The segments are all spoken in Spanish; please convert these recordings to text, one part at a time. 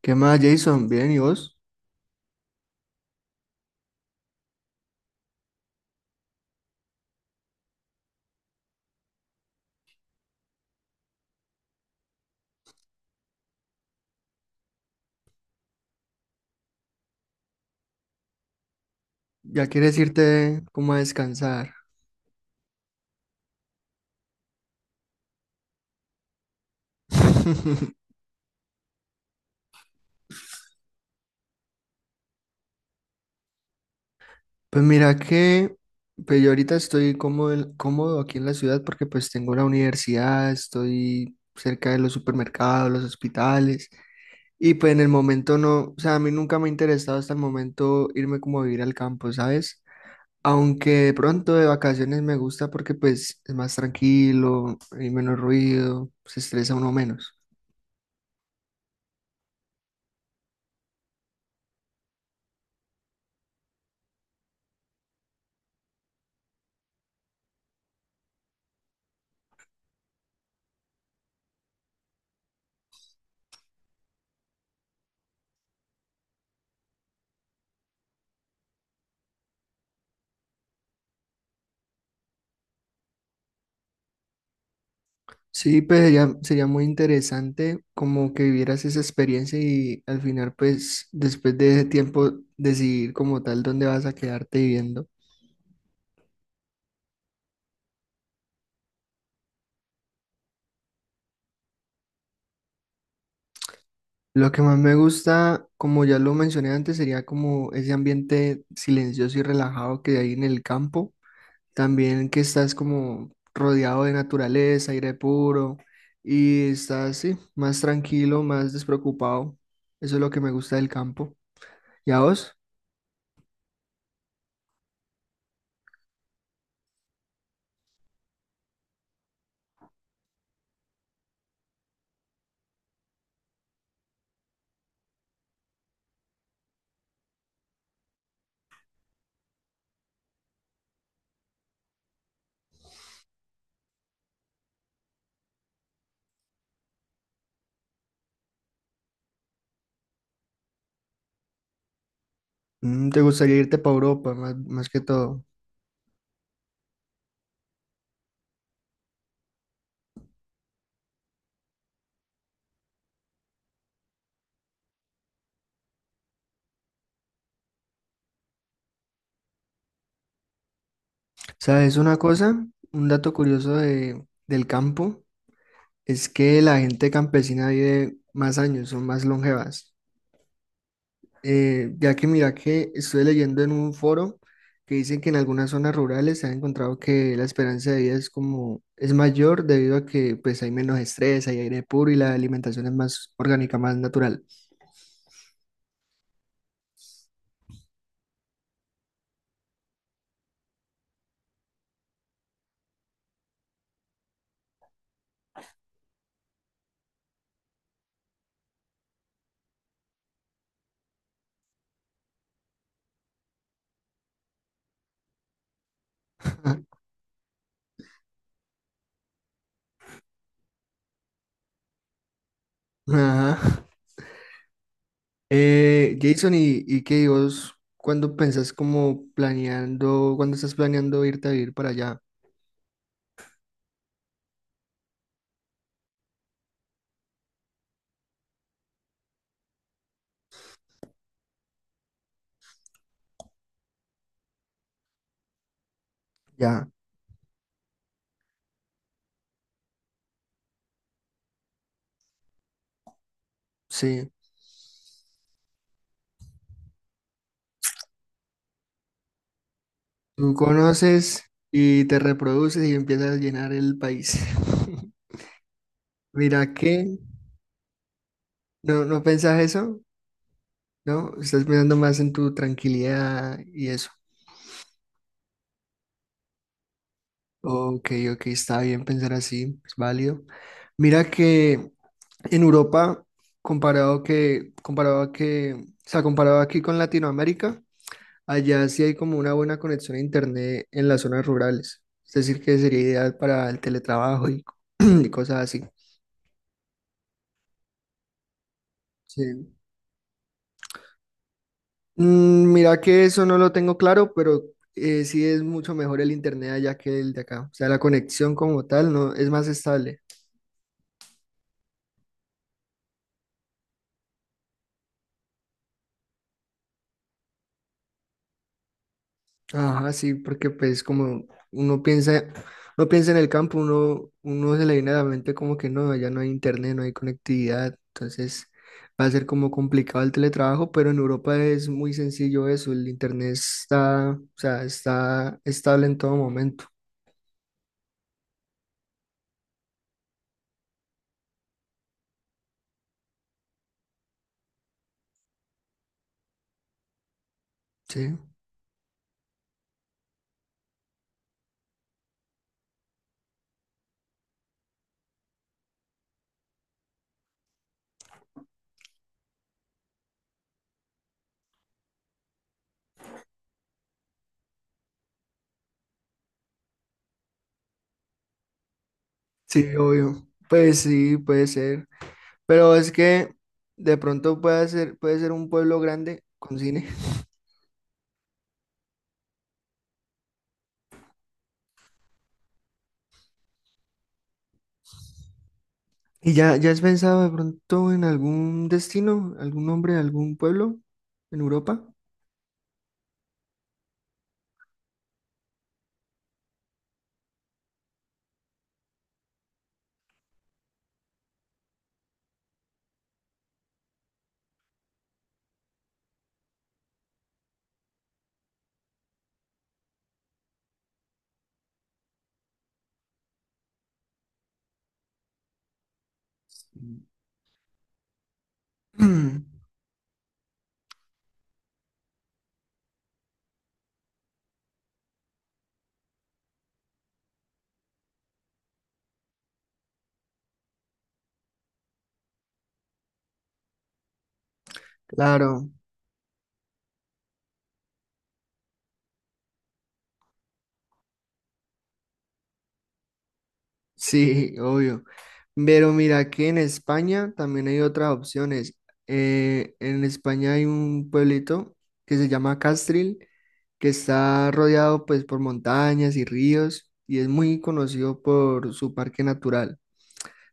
¿Qué más, Jason? Bien, ¿y vos? ¿Ya quieres irte como a descansar? Pues mira que pues yo ahorita estoy cómodo, cómodo aquí en la ciudad porque pues tengo la universidad, estoy cerca de los supermercados, los hospitales y pues en el momento no, o sea, a mí nunca me ha interesado hasta el momento irme como a vivir al campo, ¿sabes? Aunque de pronto de vacaciones me gusta porque pues es más tranquilo, hay menos ruido, se estresa uno menos. Sí, pues sería muy interesante como que vivieras esa experiencia y al final, pues después de ese tiempo, decidir como tal dónde vas a quedarte viviendo. Lo que más me gusta, como ya lo mencioné antes, sería como ese ambiente silencioso y relajado que hay en el campo. También que estás como rodeado de naturaleza, aire puro y estás, sí, más tranquilo, más despreocupado. Eso es lo que me gusta del campo. ¿Y a vos? ¿Te gustaría irte para Europa, más, más que todo? ¿Sabes una cosa? Un dato curioso del campo es que la gente campesina vive más años, son más longevas. Ya que mira que estoy leyendo en un foro que dicen que en algunas zonas rurales se ha encontrado que la esperanza de vida es como es mayor debido a que pues hay menos estrés, hay aire puro y la alimentación es más orgánica, más natural. Ajá. Jason, y qué vos cuando pensás como planeando, cuando estás planeando irte a vivir para allá? Ya, sí. Tú conoces y te reproduces y empiezas a llenar el país. Mira que, ¿no, no pensás eso? ¿No? Estás pensando más en tu tranquilidad y eso. Ok, ok, está bien pensar así, es válido. Mira que en Europa, comparado a que, o sea, comparado aquí con Latinoamérica, allá sí hay como una buena conexión a internet en las zonas rurales. Es decir, que sería ideal para el teletrabajo y, y cosas así. Sí. Mm, mira que eso no lo tengo claro, pero sí es mucho mejor el internet allá que el de acá. O sea, la conexión como tal no es más estable. Ajá, sí, porque pues como uno piensa en el campo, uno, uno se le viene a la mente como que no, allá no hay internet, no hay conectividad, entonces va a ser como complicado el teletrabajo, pero en Europa es muy sencillo eso, el internet está, o sea, está estable en todo momento, sí, sí, obvio, pues sí, puede ser, pero es que de pronto puede ser un pueblo grande con cine. ¿Y ya, ya has pensado de pronto en algún destino, algún nombre, algún pueblo en Europa? Mm. Claro, sí, obvio. Pero mira que en España también hay otras opciones. En España hay un pueblito que se llama Castril, que está rodeado pues por montañas y ríos y es muy conocido por su parque natural.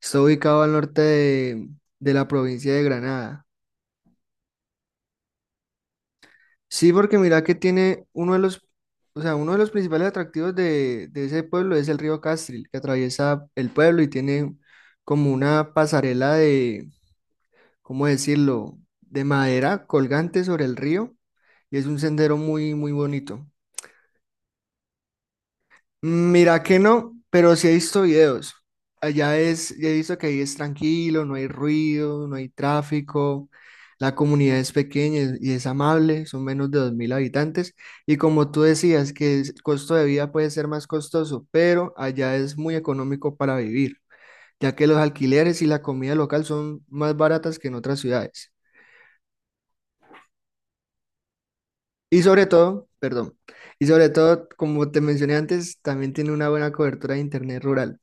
Está ubicado al norte de la provincia de Granada. Sí, porque mira que tiene uno de los, o sea, uno de los principales atractivos de ese pueblo es el río Castril, que atraviesa el pueblo y tiene como una pasarela de, ¿cómo decirlo?, de madera colgante sobre el río y es un sendero muy, muy bonito. Mira que no, pero sí he visto videos. Allá es, he visto que ahí es tranquilo, no hay ruido, no hay tráfico, la comunidad es pequeña y es amable, son menos de 2000 habitantes. Y como tú decías, que el costo de vida puede ser más costoso, pero allá es muy económico para vivir, ya que los alquileres y la comida local son más baratas que en otras ciudades. Y sobre todo, perdón, y sobre todo, como te mencioné antes, también tiene una buena cobertura de internet rural.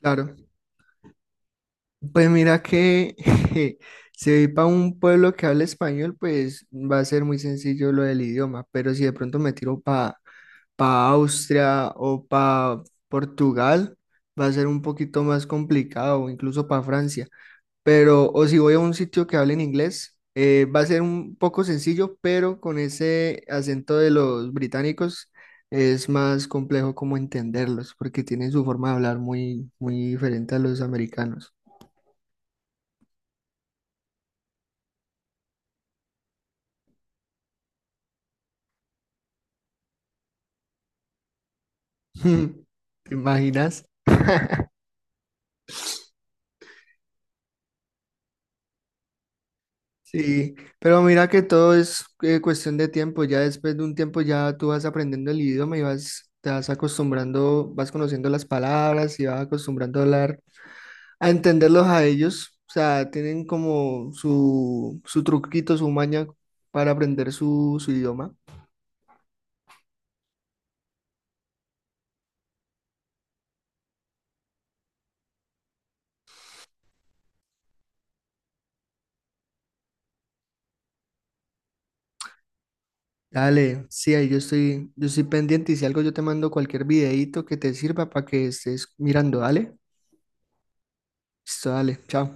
Claro, pues mira que si voy para un pueblo que habla español, pues va a ser muy sencillo lo del idioma, pero si de pronto me tiro para pa Austria o para Portugal, va a ser un poquito más complicado, o incluso para Francia. Pero, o si voy a un sitio que hable en inglés, va a ser un poco sencillo, pero con ese acento de los británicos es más complejo como entenderlos, porque tienen su forma de hablar muy, muy diferente a los americanos. ¿Te imaginas? Sí, pero mira que todo es cuestión de tiempo. Ya después de un tiempo ya tú vas aprendiendo el idioma y vas, te vas acostumbrando, vas conociendo las palabras y vas acostumbrando a hablar, a entenderlos a ellos. O sea, tienen como su truquito, su maña para aprender su, su idioma. Dale, sí, ahí yo estoy pendiente y si algo yo te mando cualquier videíto que te sirva para que estés mirando. Dale, listo, dale, chao.